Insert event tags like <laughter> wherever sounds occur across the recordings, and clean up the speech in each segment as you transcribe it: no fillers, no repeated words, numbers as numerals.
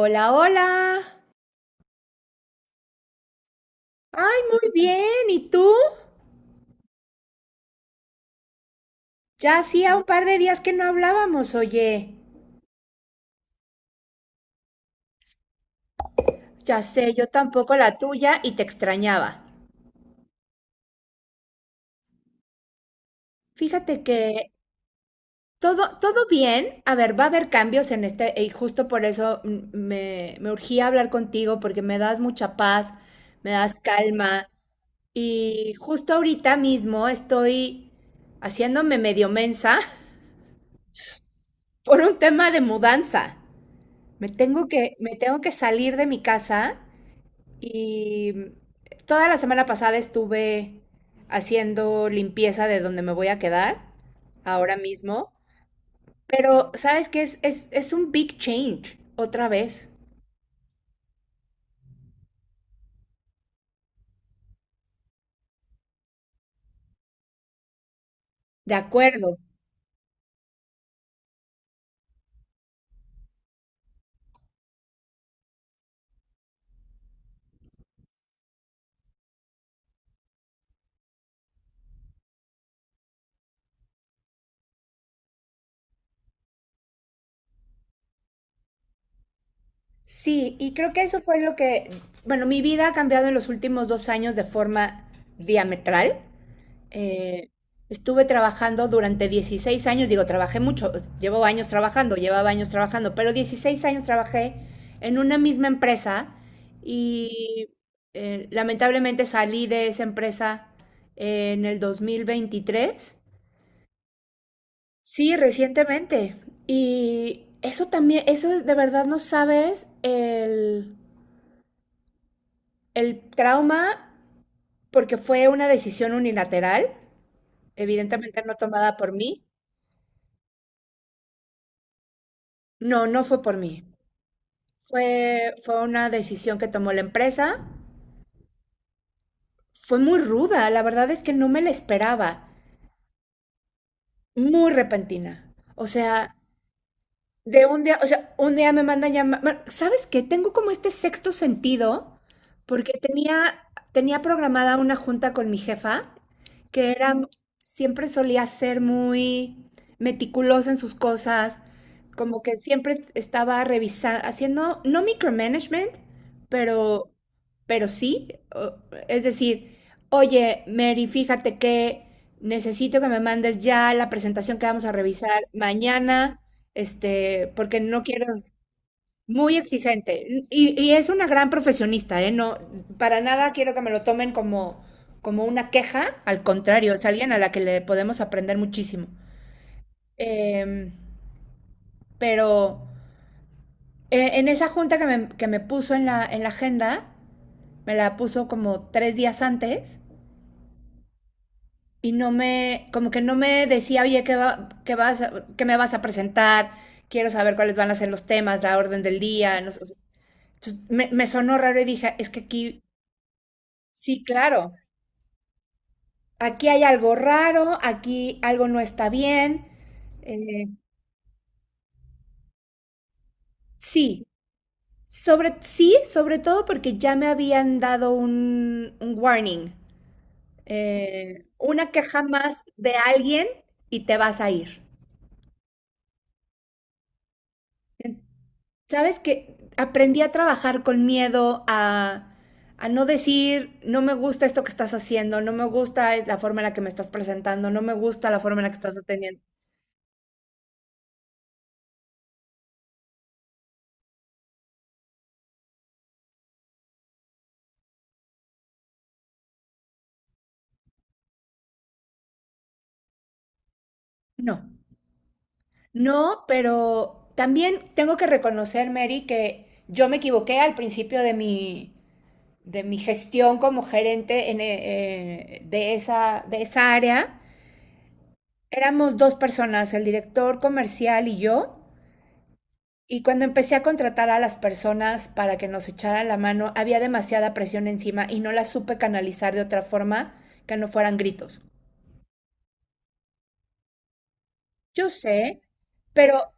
Hola, hola. Ay, muy bien. ¿Y tú? Ya hacía un par de días que no hablábamos, oye. Ya sé, yo tampoco la tuya y te extrañaba. Fíjate que todo, todo bien. A ver, va a haber cambios en este, y justo por eso me urgía hablar contigo, porque me das mucha paz, me das calma. Y justo ahorita mismo estoy haciéndome medio mensa <laughs> por un tema de mudanza. Me tengo que salir de mi casa. Y toda la semana pasada estuve haciendo limpieza de donde me voy a quedar ahora mismo, pero sabes que es un big change otra vez. De acuerdo. Sí, y creo que eso fue lo que, bueno, mi vida ha cambiado en los últimos 2 años de forma diametral. Eh, Estuve trabajando durante 16 años, digo, trabajé mucho, llevo años trabajando, llevaba años trabajando, pero 16 años trabajé en una misma empresa y lamentablemente salí de esa empresa en el 2023. Sí, recientemente. Y eso también, eso de verdad no sabes el trauma, porque fue una decisión unilateral, evidentemente no tomada por mí. No, no fue por mí. Fue una decisión que tomó la empresa. Fue muy ruda, la verdad es que no me la esperaba. Muy repentina. O sea, de un día, o sea, un día me mandan llamar. ¿Sabes qué? Tengo como este sexto sentido, porque tenía, tenía programada una junta con mi jefa, que era, siempre solía ser muy meticulosa en sus cosas, como que siempre estaba revisando, haciendo, no micromanagement, pero, pero sí. o- Es decir, oye, Mary, fíjate que necesito que me mandes ya la presentación que vamos a revisar mañana, este, porque no quiero, muy exigente. Y es una gran profesionista, ¿eh? No, para nada quiero que me lo tomen como, como una queja, al contrario, es alguien a la que le podemos aprender muchísimo. Em, pero en esa junta que me puso en la agenda, me la puso como 3 días antes y no me, como que no me decía, oye, ¿ qué me vas a presentar? Quiero saber cuáles van a ser los temas, la orden del día, no sé. Entonces, me sonó raro y dije, es que aquí, sí, claro, aquí hay algo raro, aquí algo no está bien. Eh, sí, sobre todo porque ya me habían dado un warning, una queja más de alguien y te vas a ir. Sabes que aprendí a trabajar con miedo a no decir, no me gusta esto que estás haciendo, no me gusta la forma en la que me estás presentando, no me gusta la forma en la que estás atendiendo. No. No, pero también tengo que reconocer, Mary, que yo me equivoqué al principio de mi gestión como gerente de esa área. Éramos dos personas, el director comercial y yo. Y cuando empecé a contratar a las personas para que nos echaran la mano, había demasiada presión encima y no la supe canalizar de otra forma que no fueran gritos. Yo sé, pero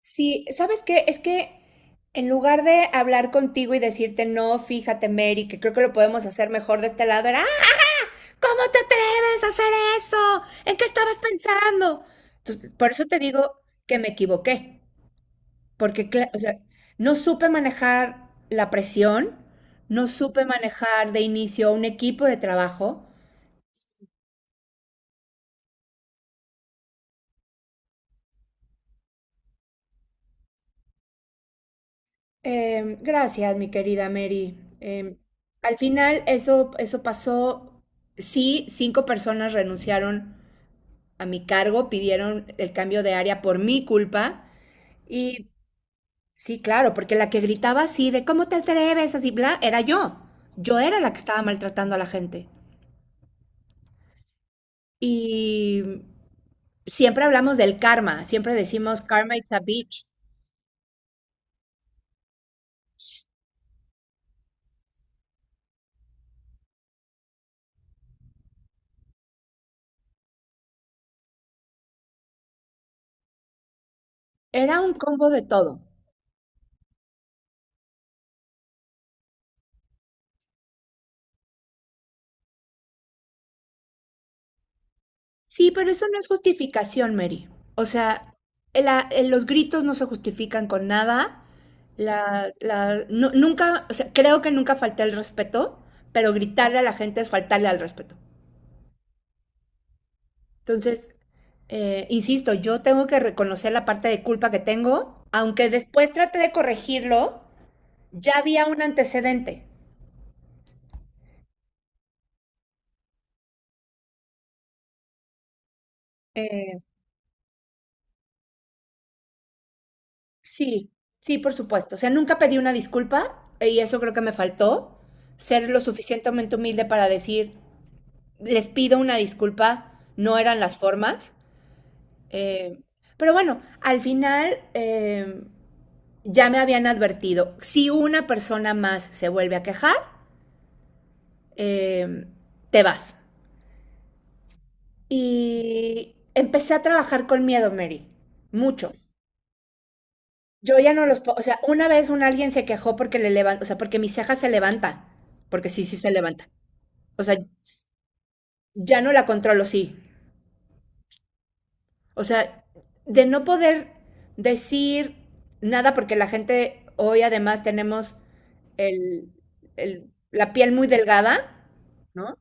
sí, ¿sabes qué? Es que en lugar de hablar contigo y decirte, no, fíjate, Mary, que creo que lo podemos hacer mejor de este lado, era, "Ah, ¿cómo te atreves a hacer eso? ¿En qué estabas pensando?" Entonces, por eso te digo que me equivoqué, porque, o sea, no supe manejar la presión, no supe manejar de inicio un equipo de trabajo. Gracias, mi querida Mary. Al final eso pasó. Sí, 5 personas renunciaron a mi cargo, pidieron el cambio de área por mi culpa. Y sí, claro, porque la que gritaba así de ¿cómo te atreves? Así, bla, era yo. Yo era la que estaba maltratando a la gente. Y siempre hablamos del karma, siempre decimos karma it's a bitch. Era un combo de todo. Sí, pero eso no es justificación, Mary. O sea, los gritos no se justifican con nada. Nunca, o sea, creo que nunca falté al respeto, pero gritarle a la gente es faltarle al respeto. Entonces, insisto, yo tengo que reconocer la parte de culpa que tengo, aunque después trate de corregirlo, ya había un antecedente. Sí, sí, por supuesto. O sea, nunca pedí una disculpa y eso creo que me faltó, ser lo suficientemente humilde para decir, les pido una disculpa, no eran las formas. Eh, pero bueno, al final ya me habían advertido, si una persona más se vuelve a quejar, eh, te vas. Y empecé a trabajar con miedo, Mary, mucho. Yo ya no los puedo, o sea, una vez un alguien se quejó porque le levanta, o sea, porque mi ceja se levanta, porque sí, sí se levanta. O sea, ya no la controlo, sí. O sea, de no poder decir nada porque la gente hoy además tenemos el, la piel muy delgada, ¿no?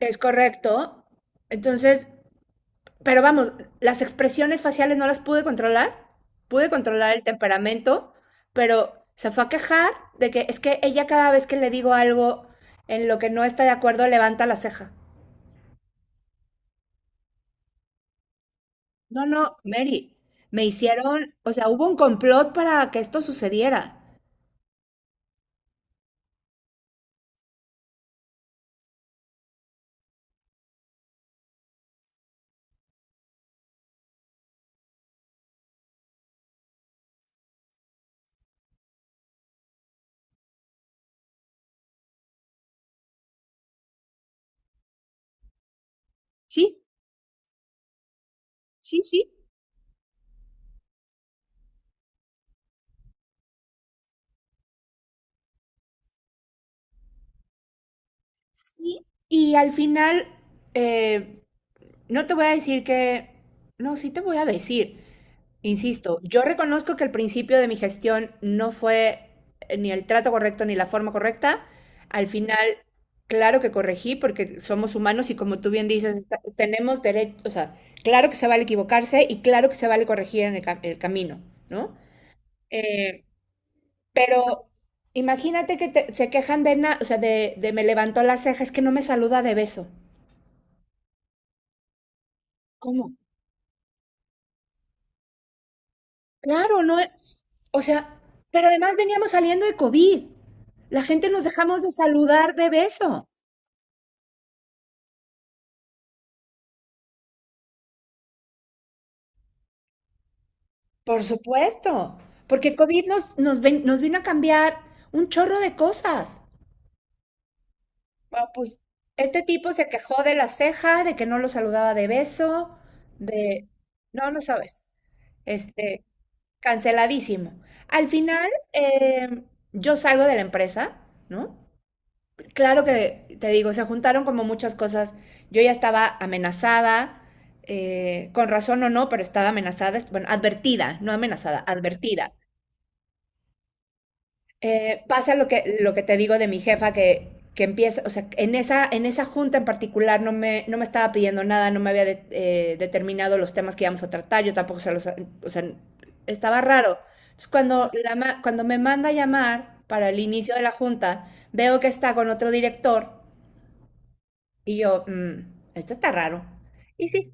Es correcto. Entonces, pero vamos, las expresiones faciales no las pude controlar el temperamento, pero se fue a quejar de que es que ella cada vez que le digo algo en lo que no está de acuerdo levanta la ceja. No, no, Mary, me hicieron, o sea, hubo un complot para que esto sucediera. Sí, sí, sí, sí. Y al final, eh, no te voy a decir que, no, sí te voy a decir, insisto, yo reconozco que el principio de mi gestión no fue ni el trato correcto ni la forma correcta. Al final, claro que corregí porque somos humanos y como tú bien dices, tenemos derecho, o sea, claro que se vale equivocarse y claro que se vale corregir en el camino, ¿no? Eh, pero imagínate que se quejan o sea, de me levantó las cejas, es que no me saluda de beso. ¿Cómo? Claro, no, o sea, pero además veníamos saliendo de COVID. La gente nos dejamos de saludar de beso, por supuesto, porque COVID nos vino a cambiar un chorro de cosas. Bueno, pues este tipo se quejó de la ceja, de que no lo saludaba de beso, de... no, no sabes. Este, canceladísimo. Al final, yo salgo de la empresa, ¿no? Claro que te digo, se juntaron como muchas cosas. Yo ya estaba amenazada, con razón o no, pero estaba amenazada, bueno, advertida, no amenazada, advertida. Pasa lo que te digo de mi jefa que empieza, o sea, en esa junta en particular no me, no me estaba pidiendo nada, no me había determinado los temas que íbamos a tratar, yo tampoco se los, o sea, estaba raro. Entonces, cuando me manda a llamar para el inicio de la junta, veo que está con otro director. Y yo, esto está raro. Y sí,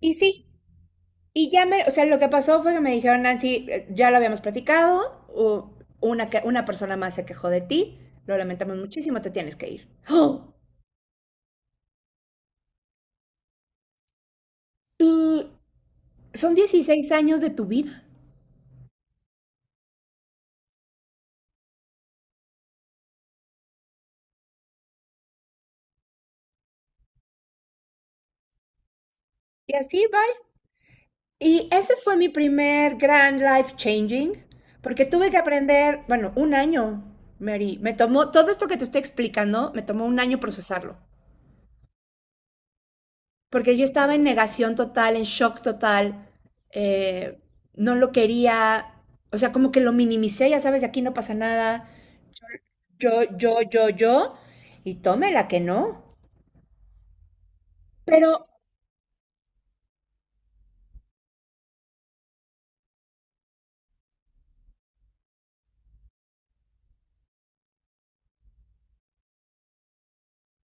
y sí. Y ya me, o sea, lo que pasó fue que me dijeron, Nancy, ya lo habíamos platicado, una persona más se quejó de ti, lo lamentamos muchísimo, te tienes que ir. ¡Oh! Y son 16 años de tu vida. Y así, bye. Y ese fue mi primer gran life changing, porque tuve que aprender, bueno, un año, Mary. Me tomó, todo esto que te estoy explicando, me tomó un año procesarlo. Porque yo estaba en negación total, en shock total, eh, no lo quería, o sea, como que lo minimicé, ya sabes, de aquí no pasa nada, yo, y tómela que no, pero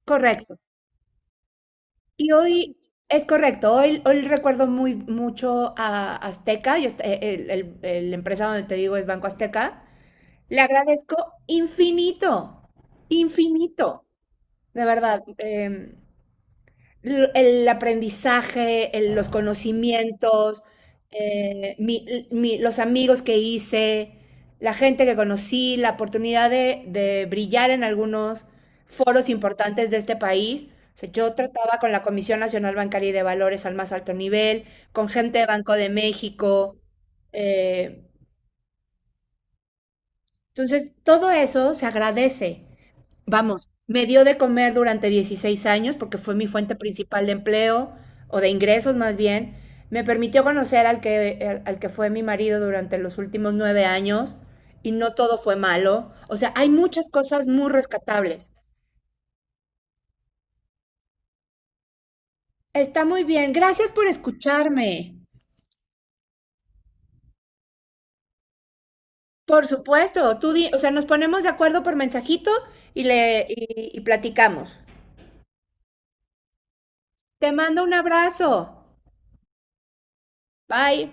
correcto. Y hoy es correcto, hoy recuerdo muy mucho a Azteca, yo, est- el empresa donde te digo es Banco Azteca, le agradezco infinito, infinito, de verdad. El aprendizaje, los conocimientos, eh, mi- los amigos que hice, la gente que conocí, la oportunidad de brillar en algunos foros importantes de este país. O sea, yo trataba con la Comisión Nacional Bancaria y de Valores al más alto nivel, con gente de Banco de México. eh, entonces, todo eso se agradece. Vamos, me dio de comer durante 16 años porque fue mi fuente principal de empleo o de ingresos más bien. Me permitió conocer al que fue mi marido durante los últimos 9 años y no todo fue malo. O sea, hay muchas cosas muy rescatables. Está muy bien. Gracias por escucharme. Por supuesto, o sea, nos ponemos de acuerdo por mensajito y le y platicamos. Te mando un abrazo. Bye.